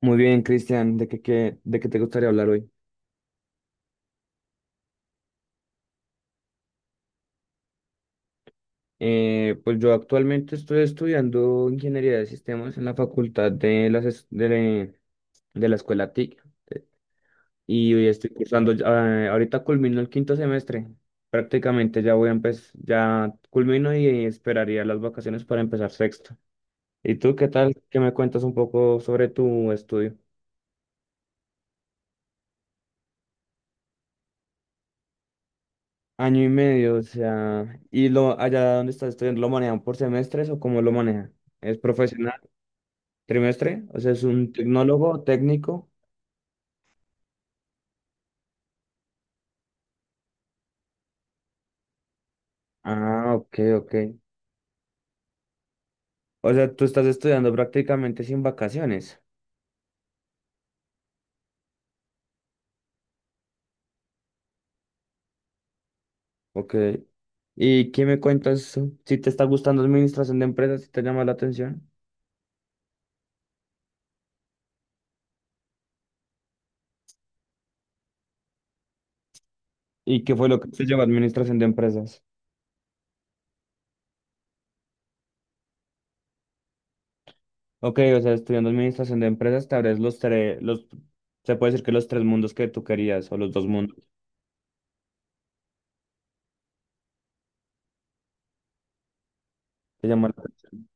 Muy bien, Cristian, ¿de qué, de qué te gustaría hablar hoy? Pues yo actualmente estoy estudiando ingeniería de sistemas en la facultad de, las, es- de la escuela TIC, y hoy estoy cursando, ahorita culmino el quinto semestre, prácticamente ya voy a empezar, ya culmino y esperaría las vacaciones para empezar sexto. ¿Y tú qué tal? ¿Qué me cuentas un poco sobre tu estudio? Año y medio, o sea, ¿y lo allá donde estás estudiando lo manejan por semestres o cómo lo manejan? ¿Es profesional? ¿Trimestre? O sea, es un tecnólogo técnico. Ah, ok, ok. O sea, tú estás estudiando prácticamente sin vacaciones. Ok. ¿Y qué me cuentas? Si te está gustando administración de empresas, si te llama la atención. ¿Y qué fue lo que te llevó a administración de empresas? Ok, o sea, estudiando administración de empresas, te abres se puede decir que los tres mundos que tú querías, o los dos mundos. Te llama la atención.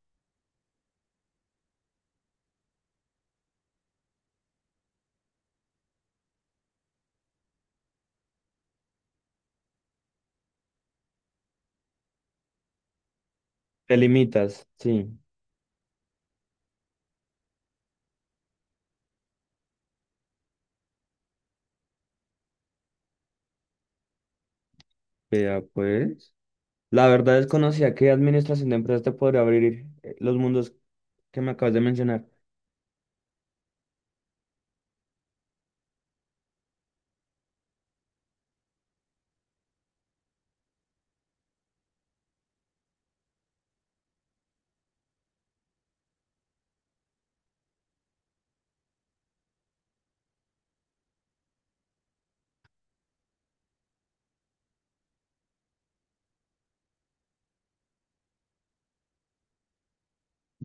Te limitas, sí. Vea, pues. La verdad desconocía que administración de empresas te podría abrir los mundos que me acabas de mencionar.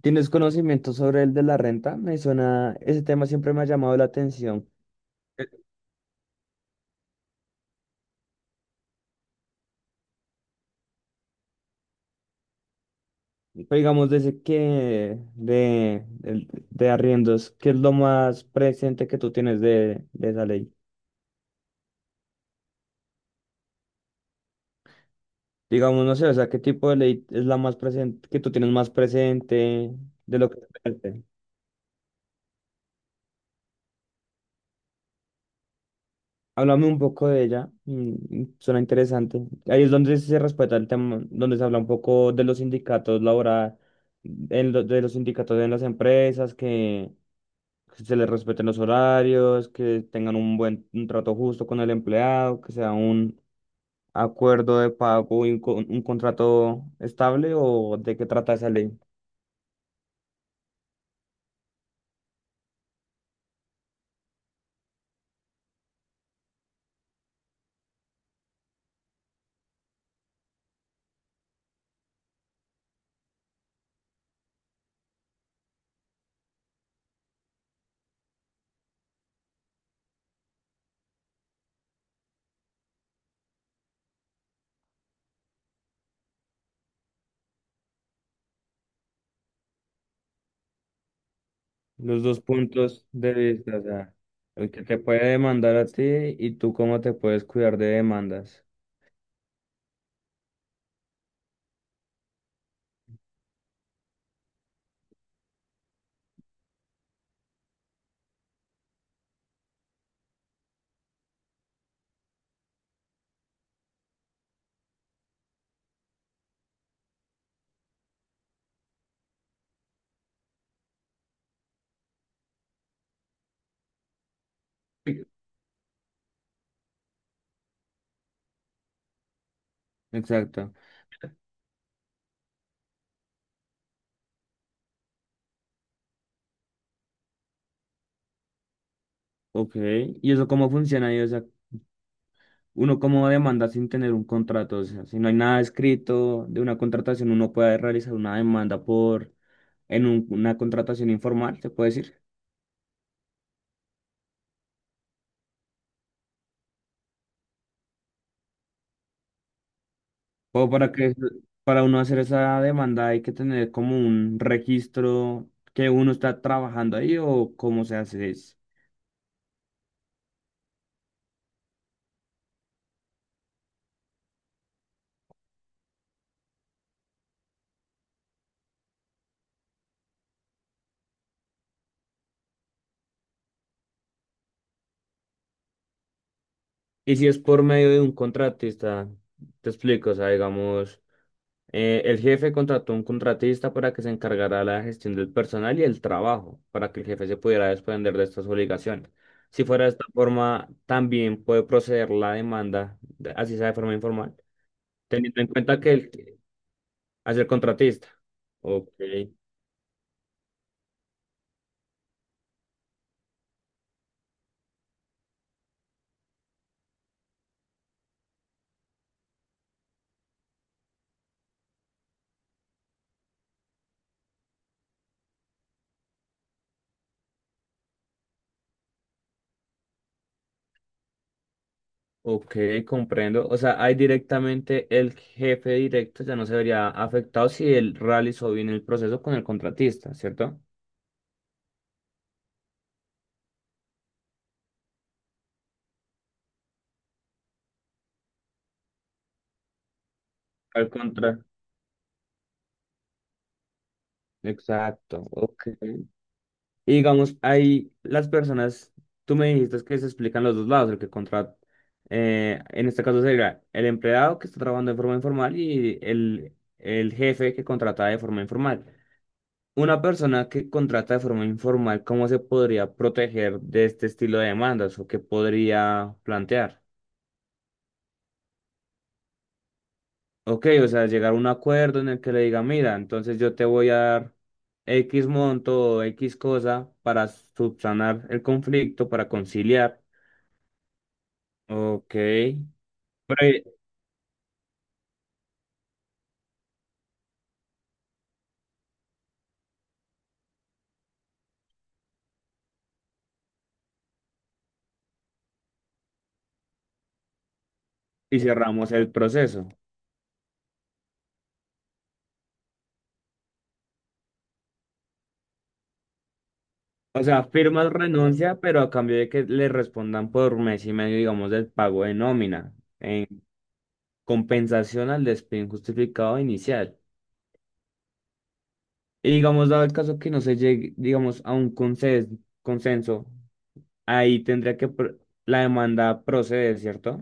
¿Tienes conocimiento sobre el de la renta? Me suena, ese tema siempre me ha llamado la atención. Eh, Pero digamos, desde de arriendos, ¿qué es lo más presente que tú tienes de esa ley? Digamos, no sé, o sea, ¿qué tipo de ley es la más presente, que tú tienes más presente de lo que... esperaste? Háblame un poco de ella, suena interesante. Ahí es donde se respeta el tema, donde se habla un poco de los sindicatos laborales, de los sindicatos en las empresas, que se les respeten los horarios, que tengan un buen un trato justo con el empleado, que sea un acuerdo de pago y un contrato estable, o de qué trata esa ley. Los dos puntos de vista, o sea, el que te puede demandar a ti y tú cómo te puedes cuidar de demandas. Exacto. Ok, ¿y eso cómo funciona? Ahí, o sea, uno cómo demanda sin tener un contrato, o sea, si no hay nada escrito de una contratación, uno puede realizar una demanda por, en una contratación informal, se puede decir. O para que, para uno hacer esa demanda hay que tener como un registro que uno está trabajando ahí o cómo se hace eso. Y si es por medio de un contratista, te explico, o sea, digamos. El jefe contrató un contratista para que se encargara de la gestión del personal y el trabajo, para que el jefe se pudiera desprender de estas obligaciones. Si fuera de esta forma, también puede proceder la demanda, así sea de forma informal, teniendo en cuenta que el, hacia el contratista. Ok, ok, comprendo. O sea, ahí directamente el jefe directo ya no se vería afectado si él realizó bien el proceso con el contratista, ¿cierto? Al contra. Exacto, ok. Y digamos, ahí las personas, tú me dijiste que se explican los dos lados, el que contrata, en este caso sería el empleado que está trabajando de forma informal y el jefe que contrata de forma informal. Una persona que contrata de forma informal, ¿cómo se podría proteger de este estilo de demandas o qué podría plantear? Ok, o sea, llegar a un acuerdo en el que le diga, mira, entonces yo te voy a dar X monto o X cosa para subsanar el conflicto, para conciliar. Ok. Pero y, y cerramos el proceso. O sea, firmas renuncia, pero a cambio de que le respondan por mes y medio, digamos, del pago de nómina, en compensación al despido injustificado inicial. Y digamos, dado el caso que no se llegue, digamos, a un consenso, ahí tendría que la demanda proceder, ¿cierto?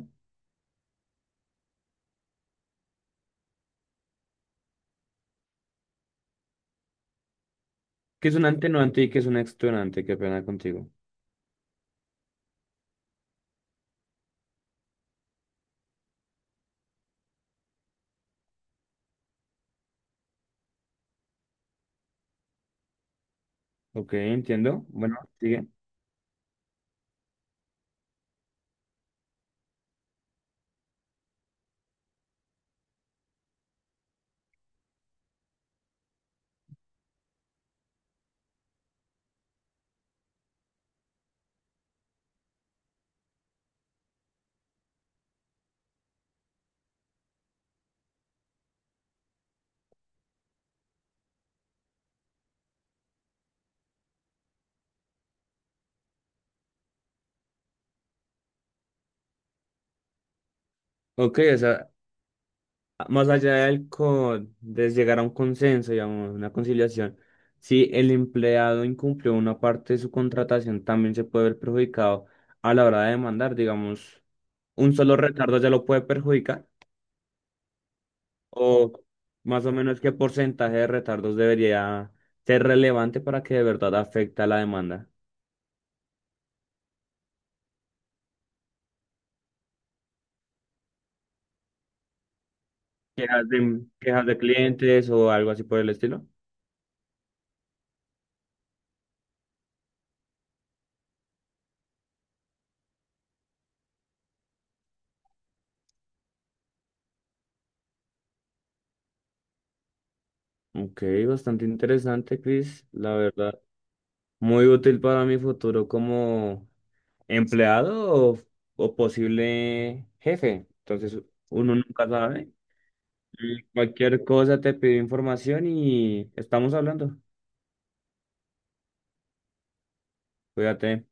¿Que es un antenuante y que es un extenuante? Qué pena contigo. Ok, entiendo. Bueno, sigue. Ok, o sea, más allá de llegar a un consenso, digamos, una conciliación, si el empleado incumplió una parte de su contratación, también se puede ver perjudicado a la hora de demandar, digamos, un solo retardo ya lo puede perjudicar, o más o menos qué porcentaje de retardos debería ser relevante para que de verdad afecte a la demanda. Quejas de clientes o algo así por el estilo. Ok, bastante interesante, Chris, la verdad. Muy útil para mi futuro como empleado o posible jefe. Entonces, uno nunca sabe. Y cualquier cosa te pido información y estamos hablando. Cuídate.